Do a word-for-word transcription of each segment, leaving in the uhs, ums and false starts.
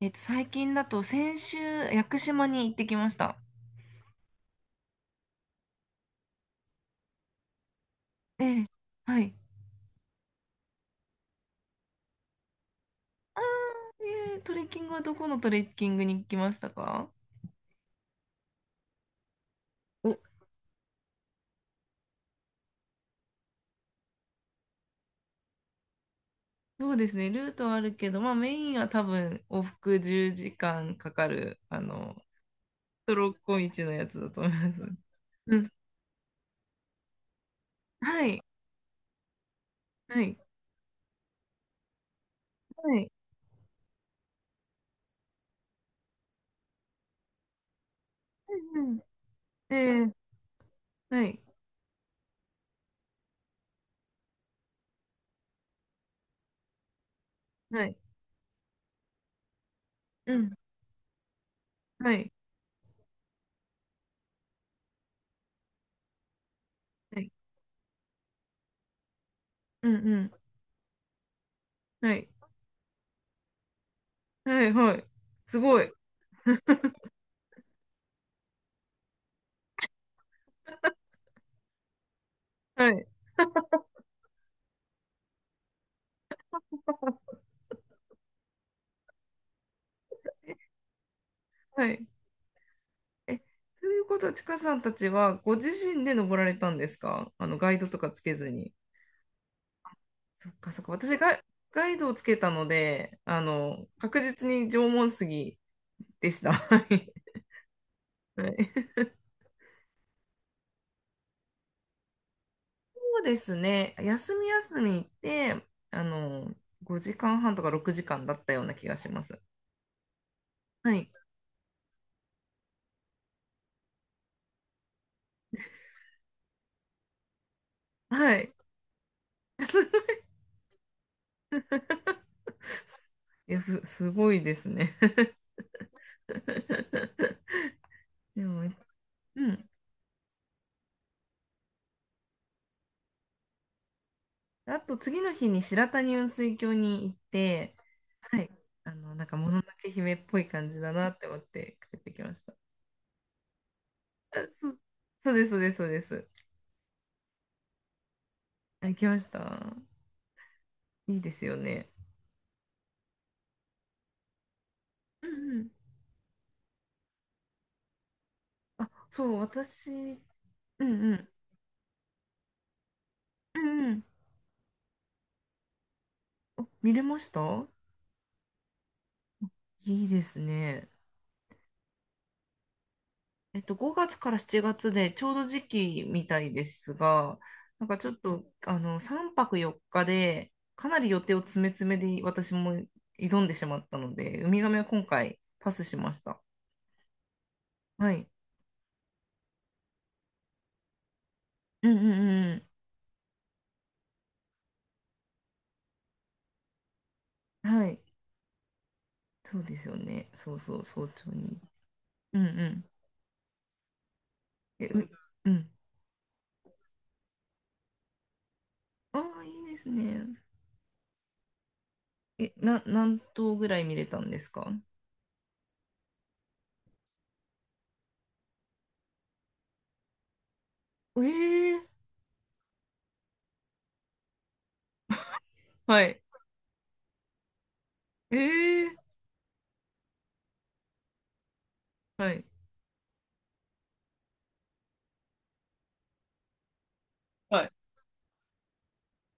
えっと、最近だと先週、屋久島に行ってきました。ええ、はい。ああ、ええ、トレッキングはどこのトレッキングに行きましたか？お、そうですね、ルートはあるけど、まあメインは多分往復じゅうじかんかんかかる、あの、トロッコ道のやつだと思います。うん。はい、はい、はい。うんうん。ええ、はい、はい、うん、はい、はい、うんうん、はい、はい、はい。すごい。はい。はい。え、ということは、ちかさんたちはご自身で登られたんですか？あの、ガイドとかつけずに。そっかそっか。私ガイ、ガイドをつけたので、あの、確実に縄文杉でした。はい。はい そうですね。休み休み行って、あの、ごじかんはんとかろくじかんだったような気がします。はい。はい。いや、す、すごいですね。でも、うん。あと次の日に白谷雲水峡に行って、はい、あの、なんかもののけ姫っぽい感じだなって思って帰ってきました。あ、そう、そうです、そうです、そうです。あ、行きました。いいですよね。うんうん。あ、そう、私、うんうん。うんうん。お、見れました？いいですね。えっと、ごがつからしちがつでちょうど時期みたいですが、なんかちょっと、あの、さんぱくよっかで、かなり予定を詰め詰めで私も挑んでしまったので、ウミガメは今回パスしました。はい。うんうんうんうん。はい。そうですよね。そうそう、早朝に。うんうん。え、う、うん。ああ、いいですね。え、な、何頭ぐらい見れたんですか？ええ、はい。ええ、はい。はい。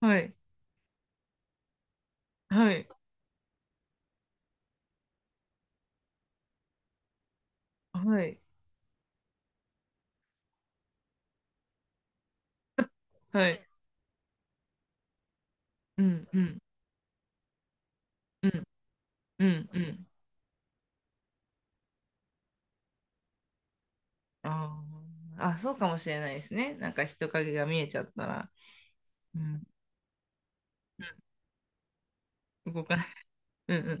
はい。はい。はい。はい。うん、うん、うん、うん、うん。あーあ、そうかもしれないですね。なんか人影が見えちゃったら、うん、うん、動かない。うん、うん、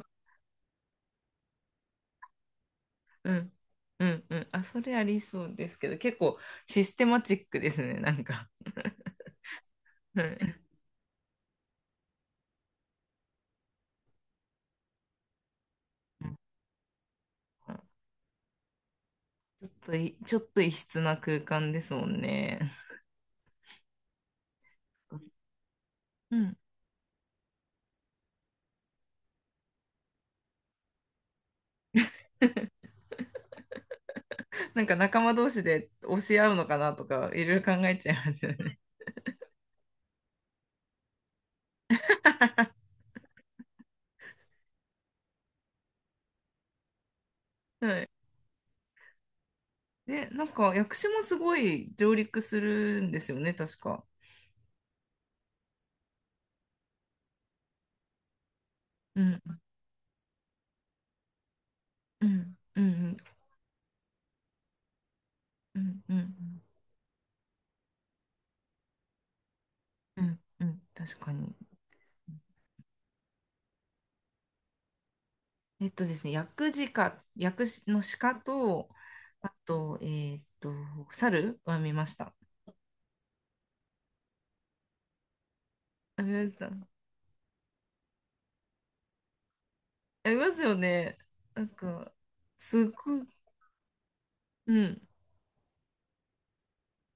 うん、うん、うん。あ、それありそうですけど、結構システマチックですね、なんか。はい。うん、ちょっとい、ちょっと異質な空間ですもんね。うん。なんか仲間同士で教え合うのかなとか、いろいろ考えちゃいますよね。はい。で、なんか、薬師もすごい上陸するんですよね、確か。うん、うん、うん、うん、うん、うん、うん、確かに。えっとですね、薬事か、薬師の鹿と、あと、えーっと、猿は見ました。あ、見ました。ありますよね。なんか、すっごい、うん、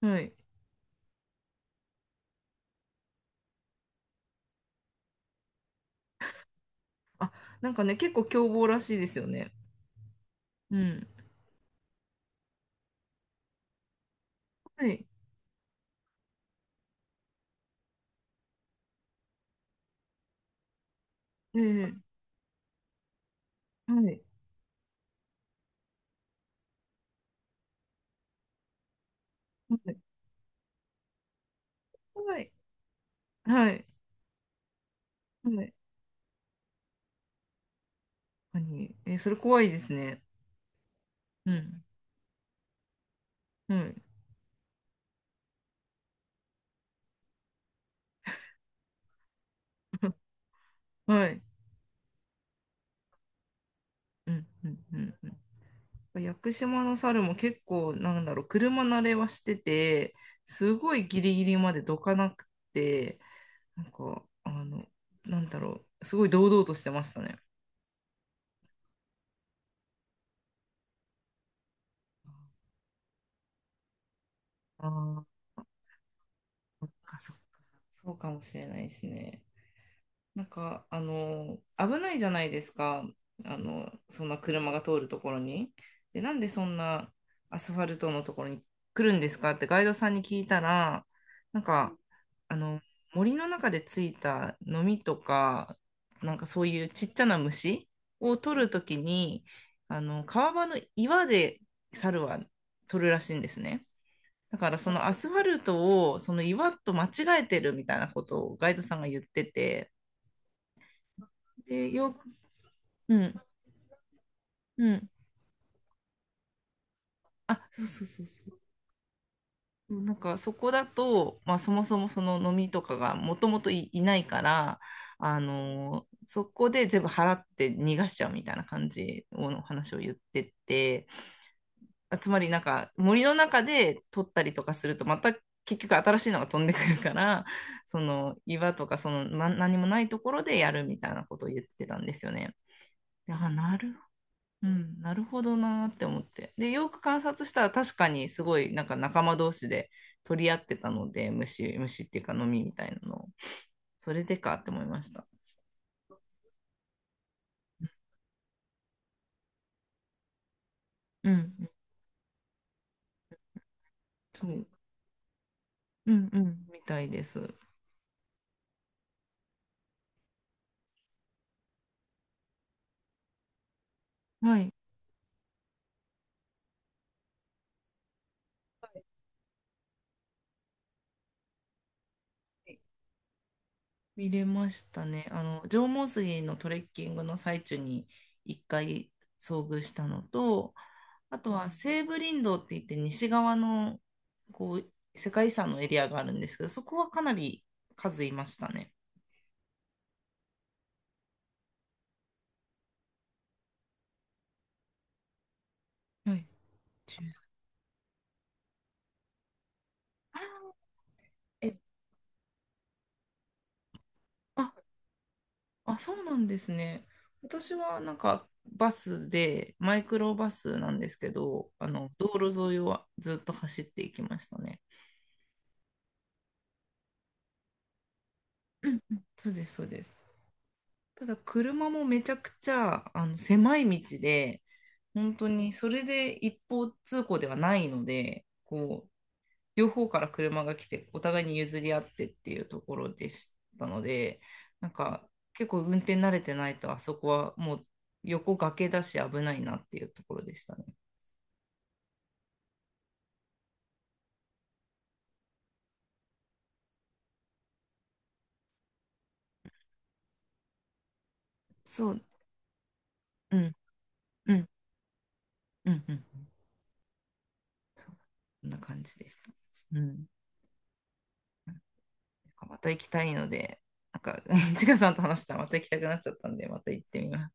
はい。あ、なんかね、結構凶暴らしいですよね。うん。はい。ええ、はい。はい。はい。はい。はい、確かに。えー、それ怖いですね。うん。はい。はい。うん。うん。うん、屋久島の猿も結構、なんだろう、車慣れはしてて、すごいギリギリまでどかなくて、なんか、あの、なんだろう、すごい堂々としてましたね。ああ、そっかそっか、そうかもしれないですね。なんか、あの、危ないじゃないですか。あの、そんな車が通るところに。で、なんでそんなアスファルトのところに来るんですかってガイドさんに聞いたら、なんか、あの、森の中でついたノミとか、なんかそういうちっちゃな虫を取るときに、あの、川場の岩で猿は取るらしいんですね。だからそのアスファルトをその岩と間違えてるみたいなことをガイドさんが言ってて、で、よく、うん。うん。あ、そうそうそうそう。なんかそこだと、まあ、そもそもその飲みとかがもともとい、いないから、あのーそこで全部払って逃がしちゃうみたいな感じの話を言ってて、あ、つまりなんか森の中で取ったりとかするとまた結局新しいのが飛んでくるから、その岩とかその、ま、何もないところでやるみたいなことを言ってたんですよね。で、あ、なるうん、なるほどなーって思って。で、よく観察したら確かにすごいなんか仲間同士で取り合ってたので、虫、虫っていうか飲みみたいなのを、それでかって思いました。うん、そう、うんうん、みたいです。はい、見れましたね。あの、縄文杉のトレッキングの最中に一回遭遇したのと、あとは西武林道って言って西側のこう世界遺産のエリアがあるんですけど、そこはかなり数いましたね。はい、じゅうさん、あー、え、あ、あ、そうなんですね。私はなんかバスで、マイクロバスなんですけど、あの道路沿いをずっと走っていきましたね。うんうん、そうです、そうです。ただ車もめちゃくちゃあの狭い道で、本当にそれで一方通行ではないので、こ、両方から車が来て、お互いに譲り合ってっていうところでしたので、なんか結構運転慣れてないと、あそこはもう横崖だし危ないなっていうところでしたね。そう、うん、うん、うん、うん。そうこんな感じでした。うん。また行きたいので、なんか、ちかさんと話したらまた行きたくなっちゃったんで、また行ってみます。